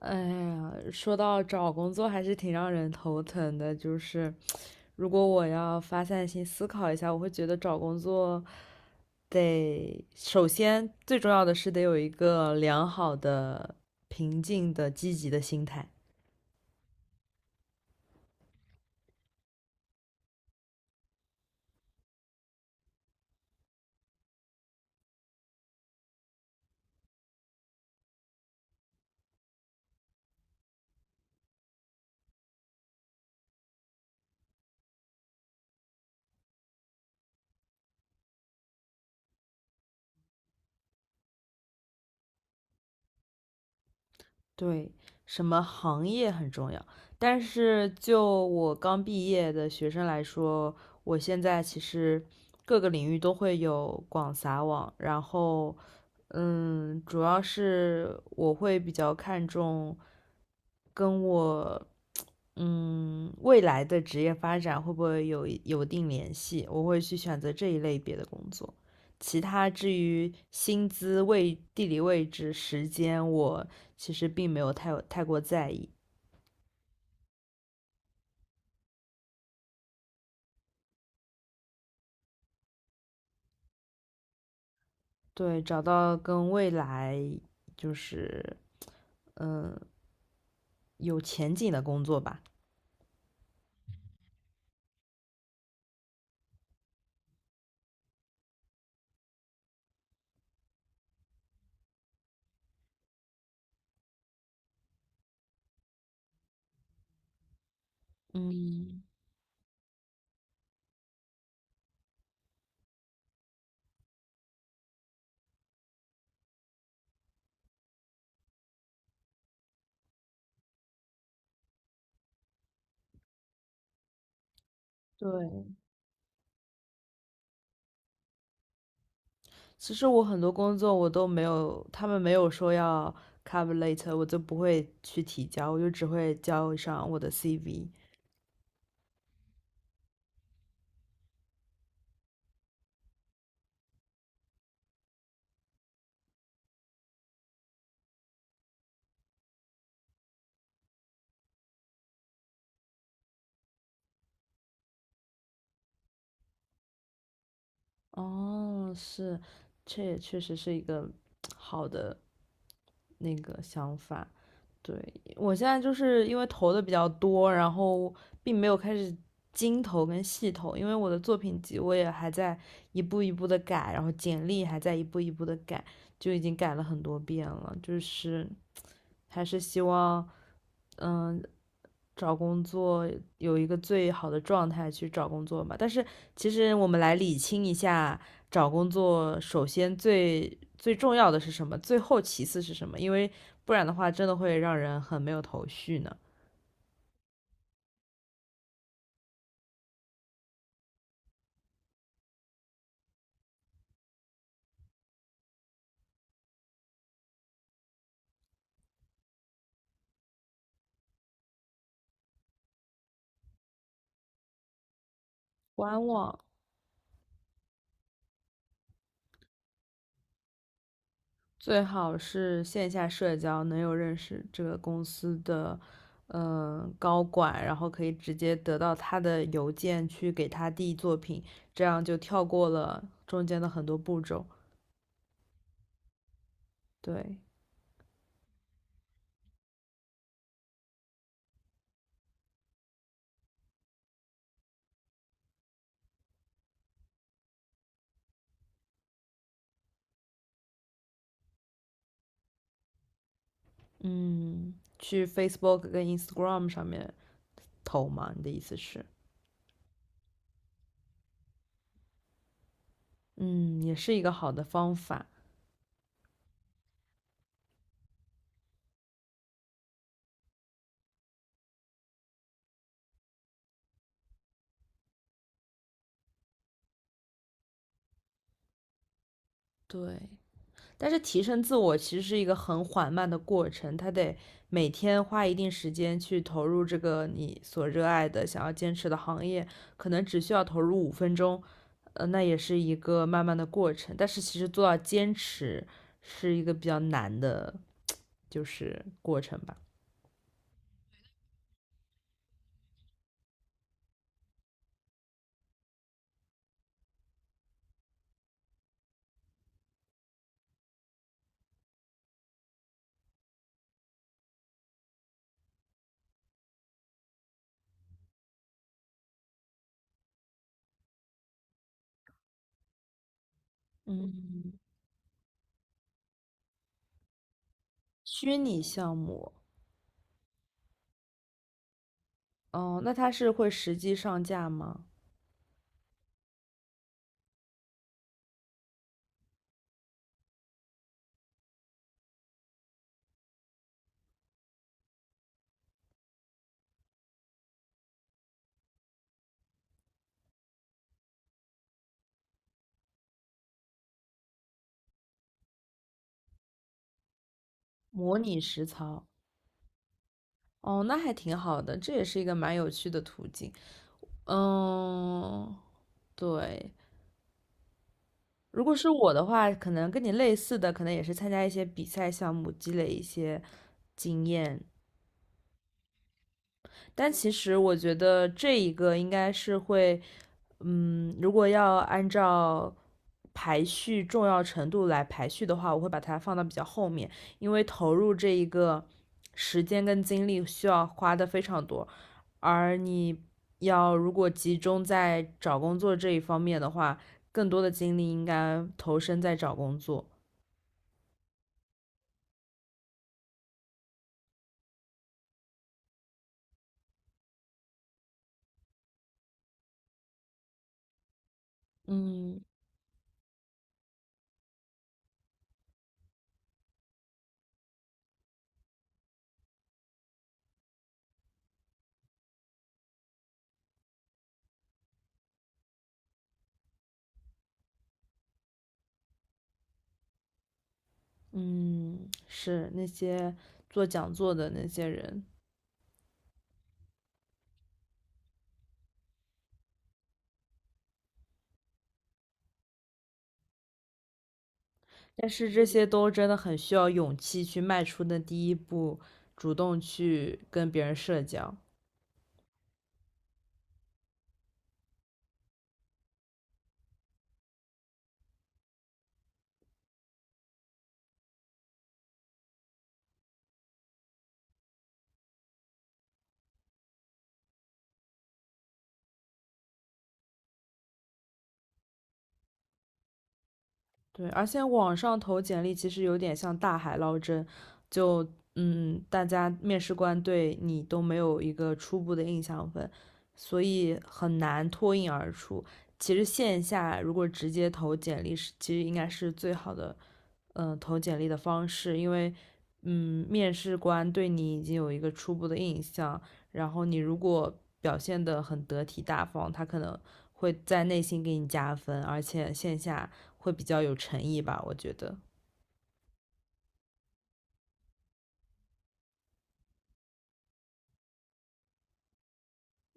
哎呀，说到找工作还是挺让人头疼的。如果我要发散性思考一下，我会觉得找工作得首先最重要的是得有一个良好的、平静的、积极的心态。对，什么行业很重要，但是就我刚毕业的学生来说，我现在其实各个领域都会有广撒网，然后，主要是我会比较看重跟我，未来的职业发展会不会有定联系，我会去选择这一类别的工作。其他至于薪资、位、地理位置、时间，我其实并没有太过在意。对，找到跟未来就是嗯有前景的工作吧。嗯，对，其实我很多工作我都没有，他们没有说要 cover later，我就不会去提交，我就只会交上我的 CV。哦，是，这也确实是一个 好的那个想法。对，我现在就是因为投的比较多，然后并没有开始精投跟细投，因为我的作品集我也还在一步一步的改，然后简历还在一步一步的改，就已经改了很多遍了。还是希望，嗯，找工作有一个最好的状态去找工作嘛。但是其实我们来理清一下，找工作首先最最重要的是什么，最后其次是什么？因为不然的话，真的会让人很没有头绪呢。官网最好是线下社交，能有认识这个公司的。嗯，高管，然后可以直接得到他的邮件去给他递作品，这样就跳过了中间的很多步骤。对，嗯，去 Facebook 跟 Instagram 上面投嘛？你的意思是，嗯，也是一个好的方法。对，但是提升自我其实是一个很缓慢的过程，它得每天花一定时间去投入这个你所热爱的、想要坚持的行业，可能只需要投入五分钟，那也是一个慢慢的过程。但是其实做到坚持是一个比较难的，过程吧。嗯，虚拟项目。哦，那他是会实际上架吗？模拟实操？哦，那还挺好的，这也是一个蛮有趣的途径。嗯，对。如果是我的话，可能跟你类似的，可能也是参加一些比赛项目，积累一些经验，但其实我觉得这一个应该是会，如果要按照排序重要程度来排序的话，我会把它放到比较后面，因为投入这一个时间跟精力需要花的非常多，而你要如果集中在找工作这一方面的话，更多的精力应该投身在找工作。嗯嗯，是那些做讲座的那些人。但是这些都真的很需要勇气去迈出的第一步，主动去跟别人社交。对，而且网上投简历其实有点像大海捞针，就大家面试官对你都没有一个初步的印象分，所以很难脱颖而出。其实线下如果直接投简历是，其实应该是最好的投简历的方式，因为嗯面试官对你已经有一个初步的印象，然后你如果表现得很得体大方，他可能会在内心给你加分，而且线下会比较有诚意吧，我觉得。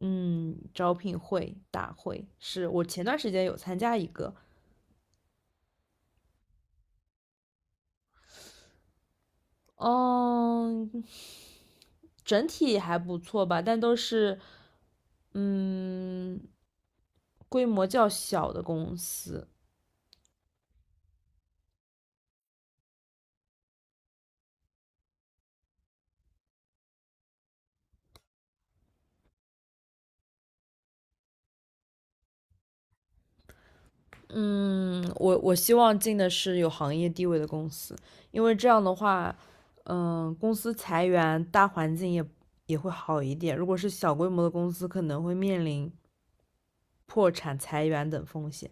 嗯，招聘会大会是我前段时间有参加一个，嗯，整体还不错吧，但都是嗯规模较小的公司，我希望进的是有行业地位的公司，因为这样的话，嗯，公司裁员，大环境也会好一点。如果是小规模的公司，可能会面临破产、裁员等风险。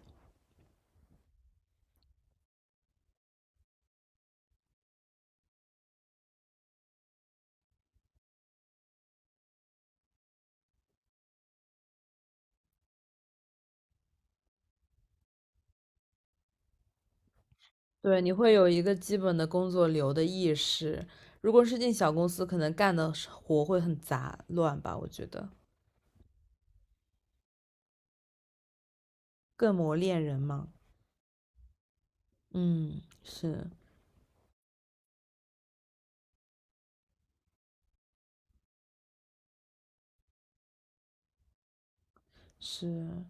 对，你会有一个基本的工作流的意识。如果是进小公司，可能干的活会很杂乱吧，我觉得更磨练人嘛。嗯，是是，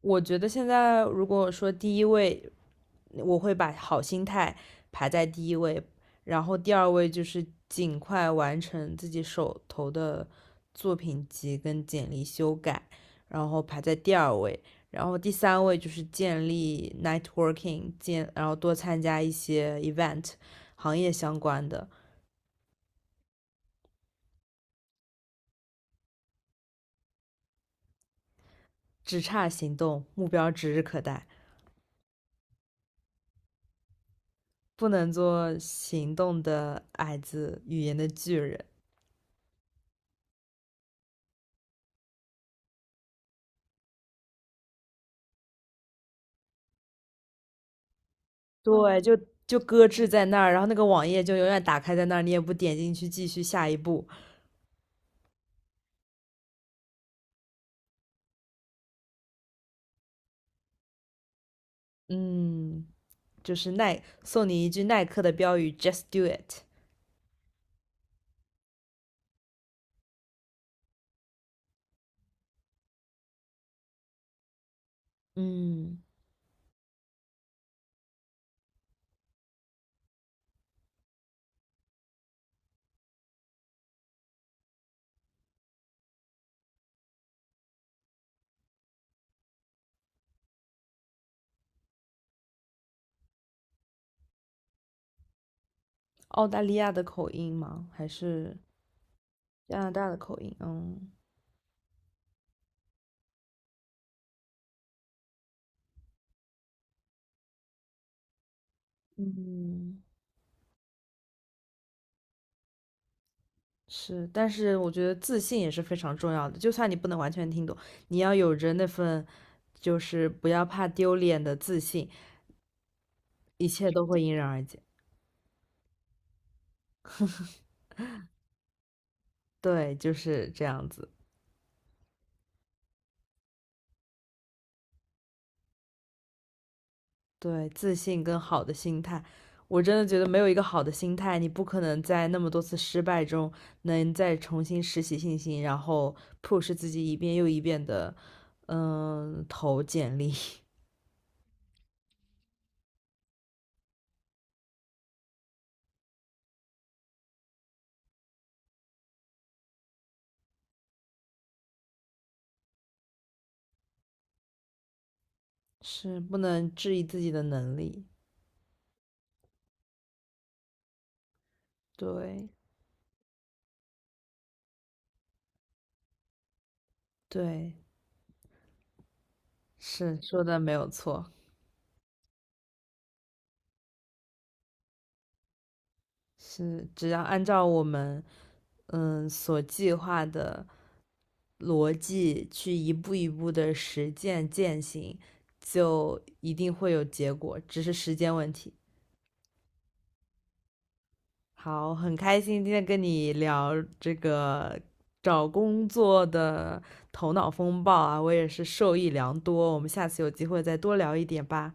我觉得现在如果说第一位我会把好心态排在第一位，然后第二位就是尽快完成自己手头的作品集跟简历修改，然后排在第二位，然后第三位就是建立 networking，然后多参加一些 event，行业相关的，只差行动，目标指日可待，不能做行动的矮子，语言的巨人。对。就搁置在那儿，然后那个网页就永远打开在那儿，你也不点进去继续下一步。嗯，就是耐，送你一句耐克的标语，Just do it。嗯，澳大利亚的口音吗？还是加拿大的口音？嗯嗯，是，但是我觉得自信也是非常重要的，就算你不能完全听懂，你要有着那份就是不要怕丢脸的自信，一切都会迎刃而解。对，就是这样子。对，自信跟好的心态，我真的觉得没有一个好的心态，你不可能在那么多次失败中能再重新拾起信心，然后 push 自己一遍又一遍的，嗯，投简历，是不能质疑自己的能力。对，对，是说的没有错，是只要按照我们所计划的逻辑去一步一步的实践践行，就一定会有结果，只是时间问题。好，很开心今天跟你聊这个找工作的头脑风暴啊，我也是受益良多。我们下次有机会再多聊一点吧。